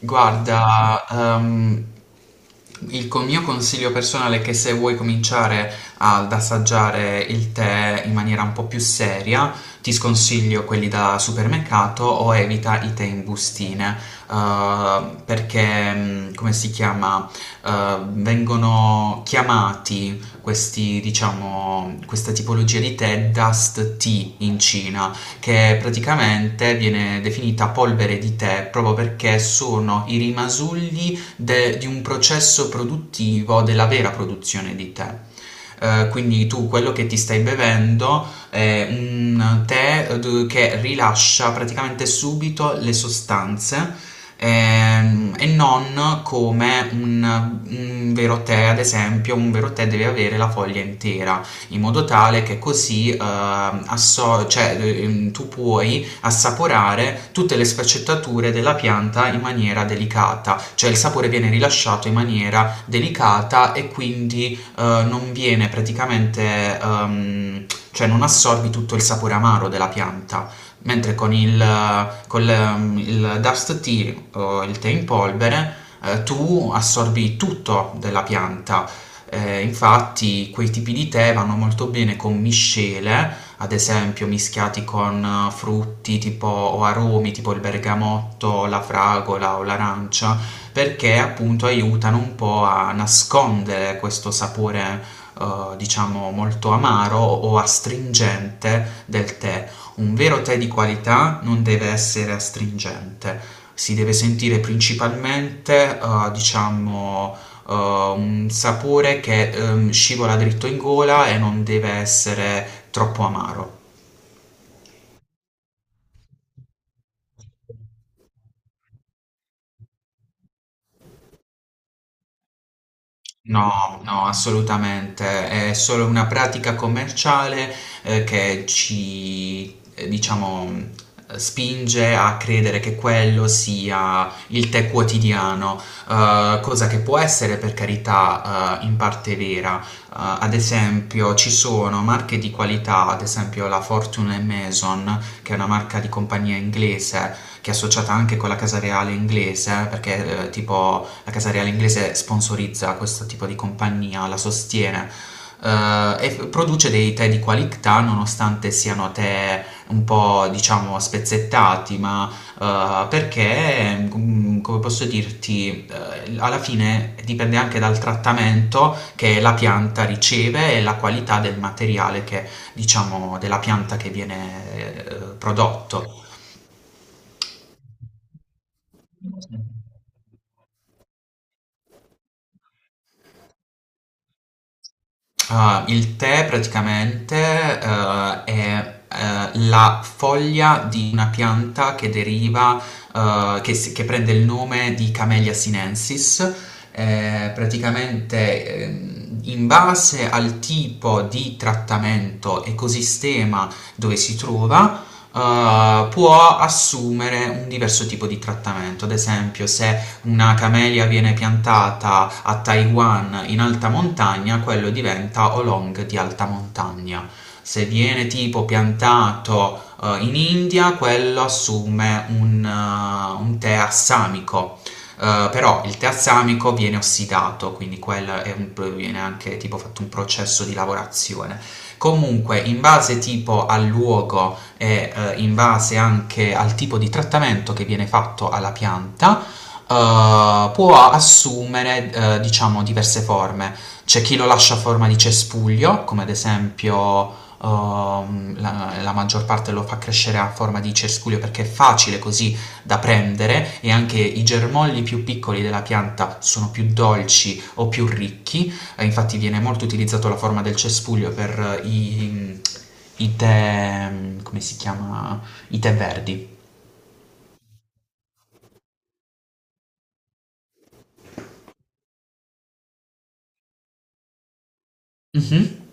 Guarda, mio consiglio personale è che se vuoi cominciare ad assaggiare il tè in maniera un po' più seria, ti sconsiglio quelli da supermercato o evita i tè in bustine, perché, mm, come si chiama, vengono chiamati questi, diciamo, questa tipologia di tè dust tea in Cina che praticamente viene definita polvere di tè proprio perché sono i rimasugli di un processo produttivo della vera produzione di tè. Quindi tu quello che ti stai bevendo è un tè che rilascia praticamente subito le sostanze, e non come un vero tè, ad esempio, un vero tè deve avere la foglia intera in modo tale che così cioè, tu puoi assaporare tutte le sfaccettature della pianta in maniera delicata, cioè il sapore viene rilasciato in maniera delicata e quindi non viene praticamente, cioè non assorbi tutto il sapore amaro della pianta. Mentre con il dust tea o il tè in polvere, tu assorbi tutto della pianta, infatti quei tipi di tè vanno molto bene con miscele, ad esempio mischiati con frutti tipo o aromi tipo il bergamotto, la fragola o l'arancia, perché appunto aiutano un po' a nascondere questo sapore, diciamo molto amaro o astringente del tè. Un vero tè di qualità non deve essere astringente, si deve sentire principalmente, eh, un sapore che scivola dritto in gola e non deve essere troppo amaro. No, no, assolutamente. È solo una pratica commerciale, diciamo, spinge a credere che quello sia il tè quotidiano, cosa che può essere, per carità, in parte vera. Ad esempio, ci sono marche di qualità, ad esempio la Fortune e Mason, che è una marca di compagnia inglese che è associata anche con la Casa Reale inglese, perché tipo la Casa Reale inglese sponsorizza questo tipo di compagnia, la sostiene. Produce dei tè di qualità nonostante siano tè un po', diciamo, spezzettati, ma come posso dirti, alla fine dipende anche dal trattamento che la pianta riceve e la qualità del materiale che, diciamo, della pianta che viene prodotto. Ah, il tè praticamente è la foglia di una pianta che deriva, che prende il nome di Camellia sinensis. Praticamente, in base al tipo di trattamento, ecosistema dove si trova, può assumere un diverso tipo di trattamento. Ad esempio, se una camellia viene piantata a Taiwan in alta montagna, quello diventa oolong di alta montagna. Se viene tipo piantato in India, quello assume un tè assamico. Però il tè assamico viene ossidato, quindi quello viene anche tipo fatto un processo di lavorazione. Comunque, in base tipo al luogo e, in base anche al tipo di trattamento che viene fatto alla pianta, può assumere, diciamo, diverse forme. C'è chi lo lascia a forma di cespuglio, come ad esempio la maggior parte lo fa crescere a forma di cespuglio perché è facile così da prendere e anche i germogli più piccoli della pianta sono più dolci o più ricchi. Infatti viene molto utilizzato la forma del cespuglio per i tè, come si chiama? I tè verdi. Mhm.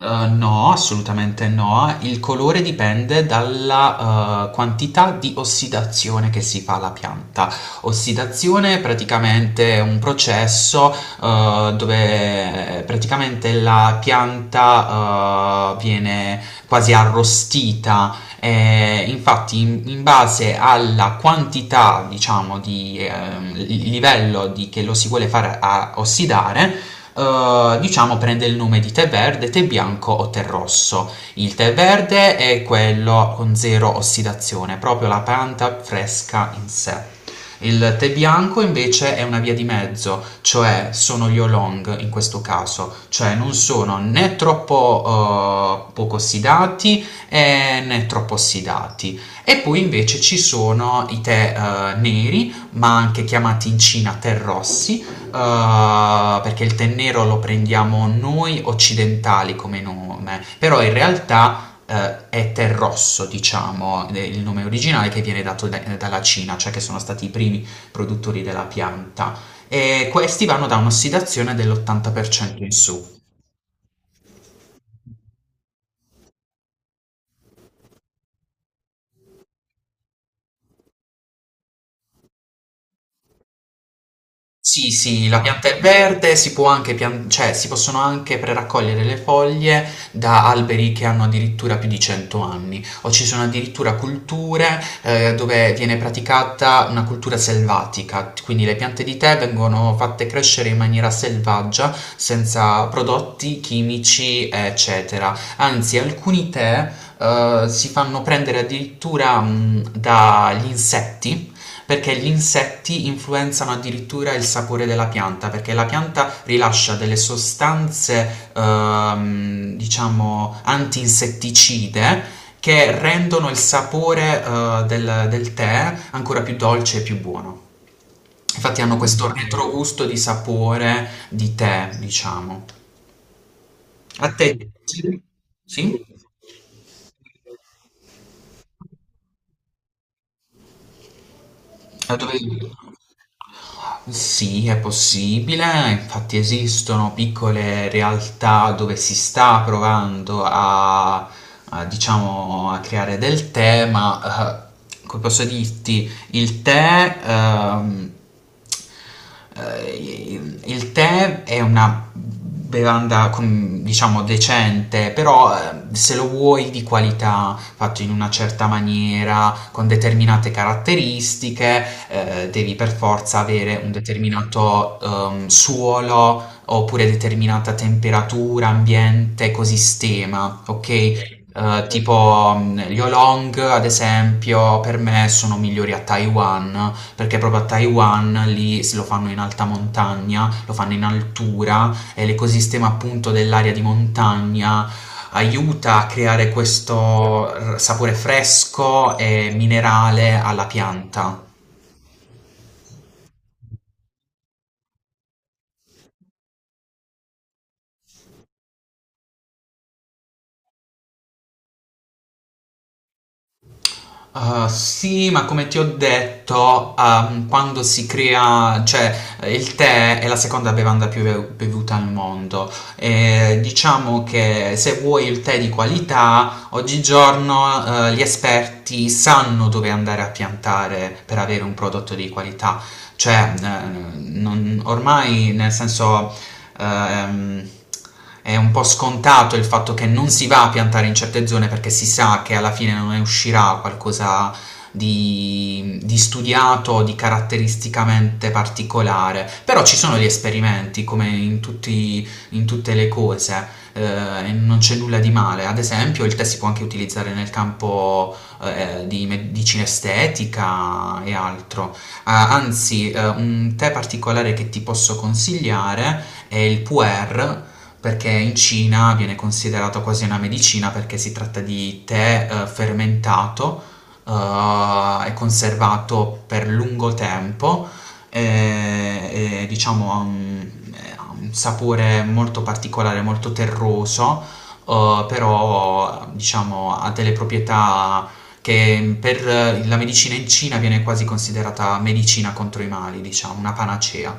No, assolutamente no. Il colore dipende dalla, quantità di ossidazione che si fa alla pianta. Ossidazione praticamente è un processo, dove praticamente la pianta, viene quasi arrostita, e infatti in base alla quantità, diciamo, di, il livello di che lo si vuole fare a ossidare, diciamo prende il nome di tè verde, tè bianco o tè rosso. Il tè verde è quello con zero ossidazione, proprio la pianta fresca in sé. Il tè bianco invece è una via di mezzo, cioè sono gli oolong in questo caso, cioè non sono né troppo, poco ossidati, né troppo ossidati. E poi invece ci sono i tè, neri, ma anche chiamati in Cina tè rossi, perché il tè nero lo prendiamo noi occidentali come nome, però in realtà è tè rosso, diciamo, il nome originale che viene dato dalla Cina, cioè che sono stati i primi produttori della pianta. E questi vanno da un'ossidazione dell'80% in su. Sì, sì, la pianta è verde, si può anche cioè, si possono anche preraccogliere le foglie da alberi che hanno addirittura più di 100 anni, o ci sono addirittura culture, dove viene praticata una cultura selvatica, quindi le piante di tè vengono fatte crescere in maniera selvaggia, senza prodotti chimici, eccetera. Anzi, alcuni tè, si fanno prendere addirittura, dagli insetti, perché gli insetti influenzano addirittura il sapore della pianta, perché la pianta rilascia delle sostanze, diciamo, antinsetticide che rendono il sapore, del tè ancora più dolce e più buono. Infatti hanno questo retrogusto di sapore di tè, diciamo. A te piace? Sì? A dove... Sì, è possibile, infatti esistono piccole realtà dove si sta provando a, diciamo, a creare del tè, ma come posso dirti, il tè è una bevanda, diciamo, decente, però se lo vuoi di qualità, fatto in una certa maniera, con determinate caratteristiche, devi per forza avere un determinato, suolo oppure determinata temperatura, ambiente, ecosistema, ok? Tipo, gli oolong, ad esempio, per me sono migliori a Taiwan, perché proprio a Taiwan lì se lo fanno in alta montagna, lo fanno in altura e l'ecosistema appunto dell'area di montagna aiuta a creare questo sapore fresco e minerale alla pianta. Sì, ma come ti ho detto, quando si crea, cioè il tè è la seconda bevanda più bevuta al mondo. E diciamo che se vuoi il tè di qualità, oggigiorno, gli esperti sanno dove andare a piantare per avere un prodotto di qualità. Cioè, ormai, nel senso, ehm, è un po' scontato il fatto che non si va a piantare in certe zone perché si sa che alla fine non ne uscirà qualcosa di studiato, di caratteristicamente particolare. Però ci sono gli esperimenti, come in tutte le cose, e non c'è nulla di male. Ad esempio, il tè si può anche utilizzare nel campo, di medicina estetica e altro. Ah, anzi, un tè particolare che ti posso consigliare è il puer, perché in Cina viene considerato quasi una medicina perché si tratta di tè, fermentato, e conservato per lungo tempo diciamo, ha ha un sapore molto particolare, molto terroso, però diciamo ha delle proprietà che per la medicina in Cina viene quasi considerata medicina contro i mali, diciamo, una panacea.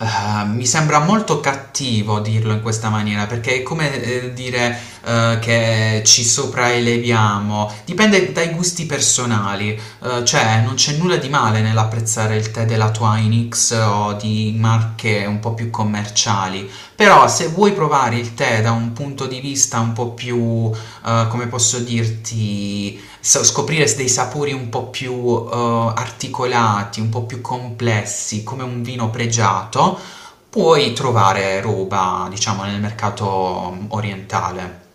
Mi sembra molto cattivo dirlo in questa maniera perché è come dire che ci sopraeleviamo, dipende dai gusti personali. Cioè, non c'è nulla di male nell'apprezzare il tè della Twinings o di marche un po' più commerciali, però se vuoi provare il tè da un punto di vista un po' più, come posso dirti, scoprire dei sapori un po' più, articolati, un po' più complessi, come un vino pregiato, puoi trovare roba, diciamo, nel mercato, orientale.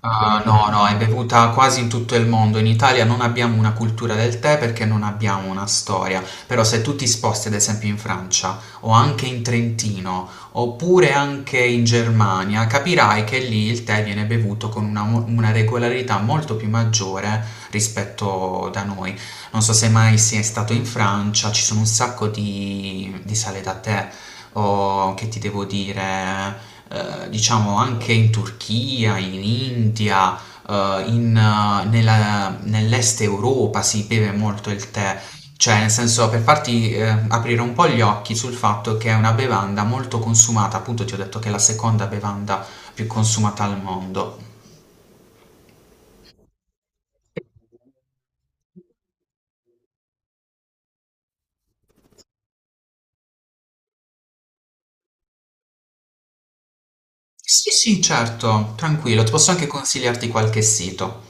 Ah, no, no, è bevuta quasi in tutto il mondo. In Italia non abbiamo una cultura del tè perché non abbiamo una storia. Però se tu ti sposti, ad esempio, in Francia o anche in Trentino, oppure anche in Germania, capirai che lì il tè viene bevuto con una, una regolarità molto più maggiore rispetto da noi. Non so se mai sei stato in Francia, ci sono un sacco di sale da tè, o che ti devo dire, diciamo anche in Turchia, in India, nell'est Europa si beve molto il tè. Cioè, nel senso, per farti aprire un po' gli occhi sul fatto che è una bevanda molto consumata, appunto ti ho detto che è la seconda bevanda più consumata al mondo. Sì, sì, certo, tranquillo, ti posso anche consigliarti qualche sito.